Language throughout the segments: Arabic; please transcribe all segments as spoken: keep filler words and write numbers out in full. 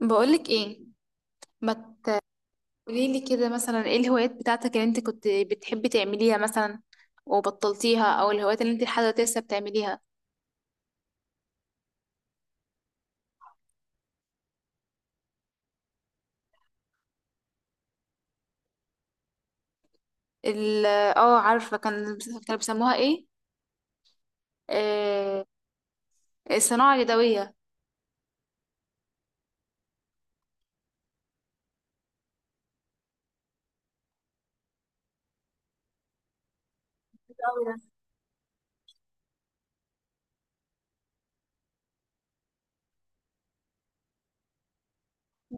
بقولك ايه؟ ما تقولي لي كده مثلا، ايه الهوايات بتاعتك اللي انت كنت بتحبي تعمليها مثلا وبطلتيها، او الهوايات اللي انت لحد دلوقتي لسه بتعمليها؟ ال- اه عارفه، كان كانوا بيسموها ايه؟ آه الصناعه اليدويه.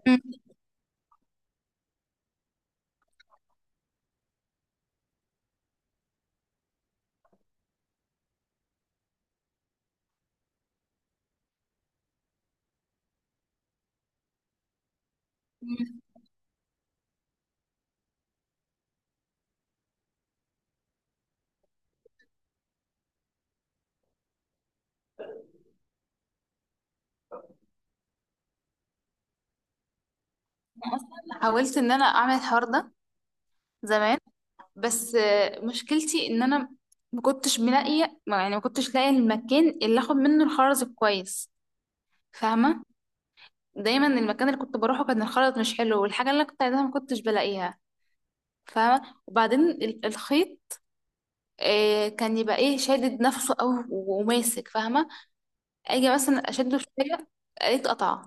مم. حاولت ان انا اعمل الحوار ده زمان، بس آه، مشكلتي ان انا ما كنتش ملاقيه ما- يعني ما كنتش لاقيه المكان اللي اخد منه الخرز كويس. فاهمه؟ دايما المكان اللي كنت بروحه كان الخلط مش حلو، والحاجة اللي أنا كنت عايزاها ما كنتش بلاقيها. فاهمة؟ وبعدين ال- الخيط آه، كان يبقى ايه، شادد نفسه او وماسك، فاهمة؟ اجي مثلا اشده شوية الاقيه اتقطع.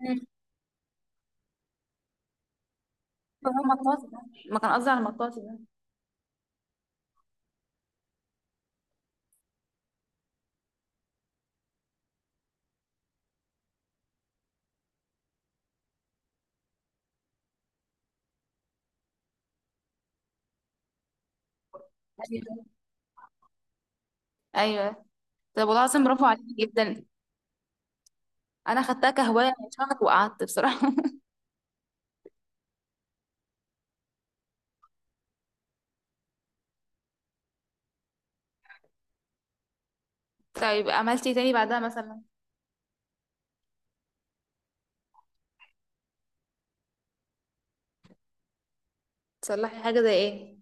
مم. هو مطاط ده. ما كان قصدي على المطاط ده. ايوه، ايوه. طب والله العظيم برافو عليك جدا، انا خدتها كهواية من شهر وقعدت بصراحة طيب عملتي إيه تاني بعدها مثلا؟ تصلحي حاجة زي ايه؟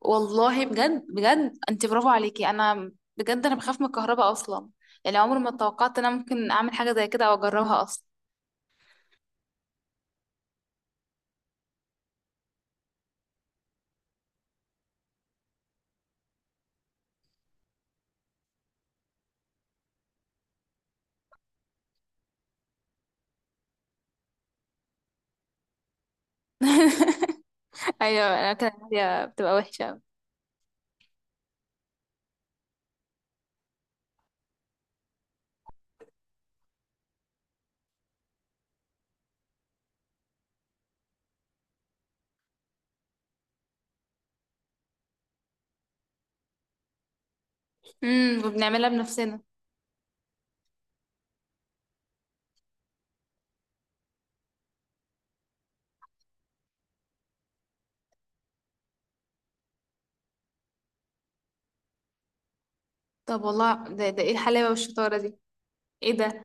والله بجد بجد، انت برافو عليكي. انا بجد انا بخاف من الكهرباء اصلا، يعني عمري ما توقعت ان انا ممكن اعمل حاجه زي كده او اجربها اصلا. ايوه انا كده، هي بتبقى وحشه أوي. امم، وبنعملها بنفسنا. طب والله ده, ده ايه الحلاوه والشطاره دي؟ ايه ده!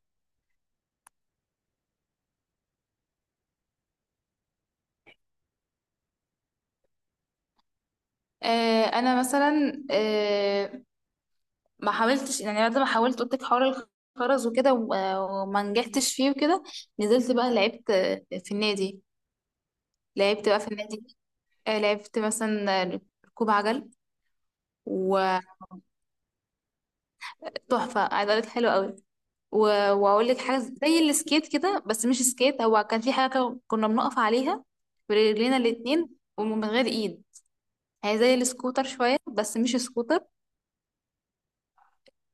آه انا مثلا، آه ما حاولتش، يعني بعد ما حاولت قلت لك حوار الخرز وكده و- آه، وما نجحتش فيه وكده. نزلت بقى لعبت آه، في النادي. لعبت بقى في النادي، آه لعبت مثلا آه، ركوب عجل وتحفه. عايزه اقول لك حلو قوي، و... واقول لك حاجه زي السكيت كده، بس مش سكيت. هو كان في حاجه كده كنا بنقف عليها برجلينا الاتنين ومن غير ايد. هي زي السكوتر شويه بس مش سكوتر.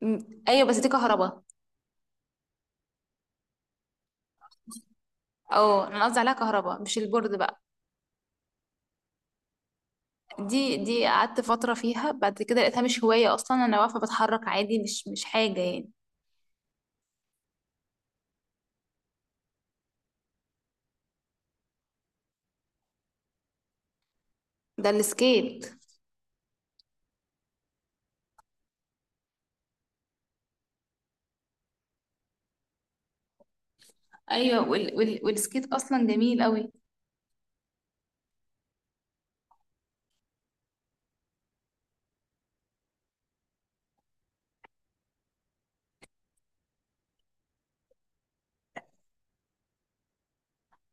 م- ايوه، بس دي كهرباء. اه انا قصدي عليها كهرباء مش البورد بقى. دي دي قعدت فتره فيها، بعد كده لقيتها مش هوايه اصلا. انا واقفه بتحرك عادي، مش مش حاجه يعني. ده السكيت. ايوه وال... وال... والسكيت اصلا جميل قوي.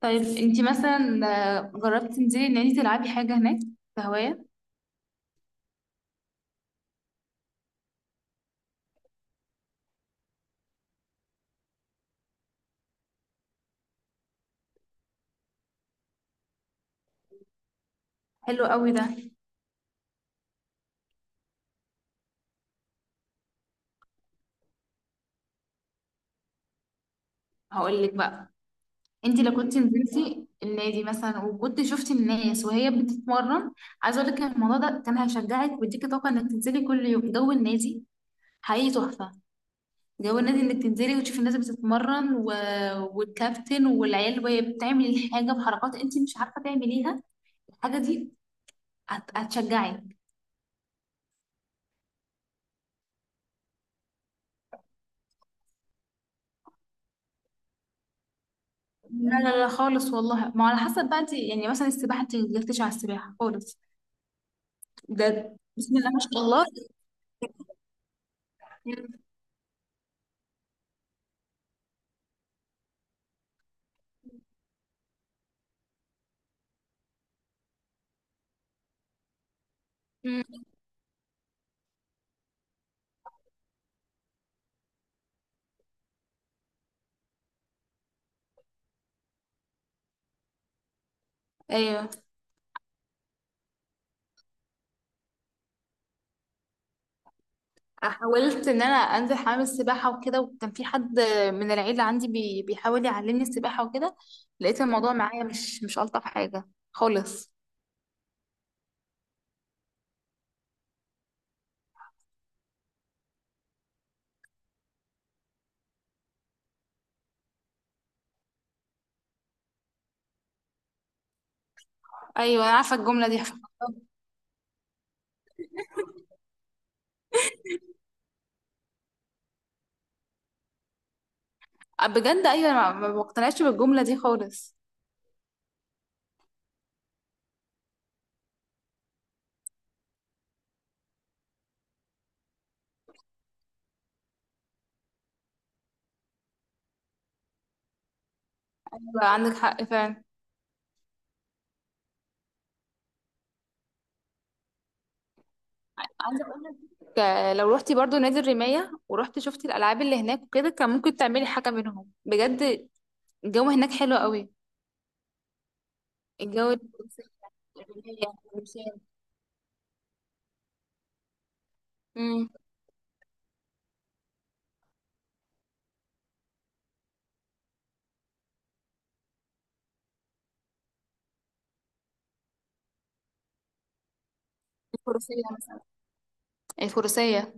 طيب انتي مثلا آه، جربتي تنزلي ان انتي تلعبي حاجة هناك كهواية؟ حلو قوي ده. هقولك بقى، انتي لو كنت نزلتي النادي مثلا وكنت شفتي الناس وهي بتتمرن، عايزة اقولك ان الموضوع ده كان هيشجعك ويديكي طاقة انك تنزلي كل يوم جو النادي. حقيقي تحفة. جو النادي انك تنزلي وتشوفي الناس بتتمرن و... والكابتن والعيال وهي بتعمل الحاجة بحركات انتي مش عارفة تعمليها، الحاجة دي هت... هتشجعك. لا لا لا خالص، والله ما، على حسب بقى انت. يعني مثلا السباحه، انت جربتيش على السباحه خالص؟ ده بسم الله ما شاء الله. مم. ايوه، حاولت ان انا انزل حمام السباحه وكده، وكان في حد من العيله عندي بي بيحاول يعلمني السباحه وكده، لقيت الموضوع معايا مش مش الطف حاجه خالص. ايوه انا عارفه الجمله دي. بجد، ايوه، ما ما بقتنعش بالجمله دي خالص. عندك حق فعلا. عايزه اقول لك آه، لو روحتي برضو نادي الرمايه ورحتي شفتي الالعاب اللي هناك وكده، كان ممكن تعملي حاجه منهم بجد. الجو هناك حلو قوي. الجو، الفروسيه، الرمايه، الفروسيه. امم الفروسيه مثلا، الفروسيه.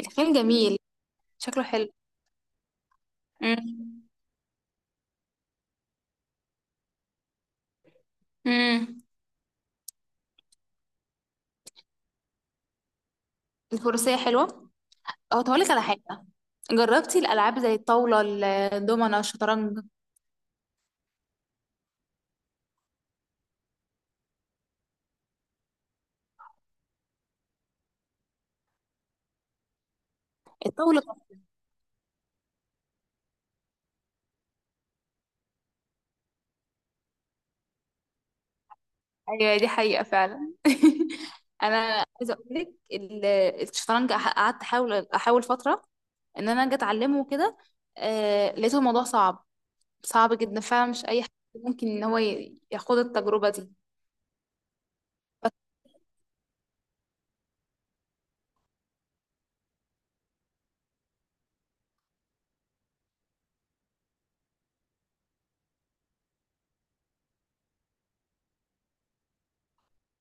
الخيل جميل، شكله حلو. امم امم الفروسيه حلوه. اه هقول لك على حاجه، جربتي الالعاب زي الطاوله، الدومنه، الشطرنج، الطاوله؟ ايوه دي حقيقة فعلا انا عايزة اقول لك ال- الشطرنج أح- قعدت احاول احاول فترة ان انا اجي اتعلمه وكده، آه لقيته الموضوع صعب، صعب جدا فعلا. مش اي حد ممكن ان هو ي- ياخد التجربة دي.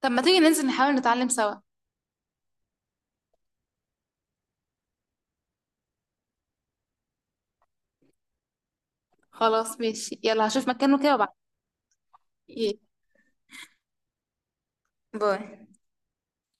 طب ما تيجي ننزل نحاول نتعلم سوا؟ خلاص ماشي، يلا هشوف مكانه كده وبعد. باي.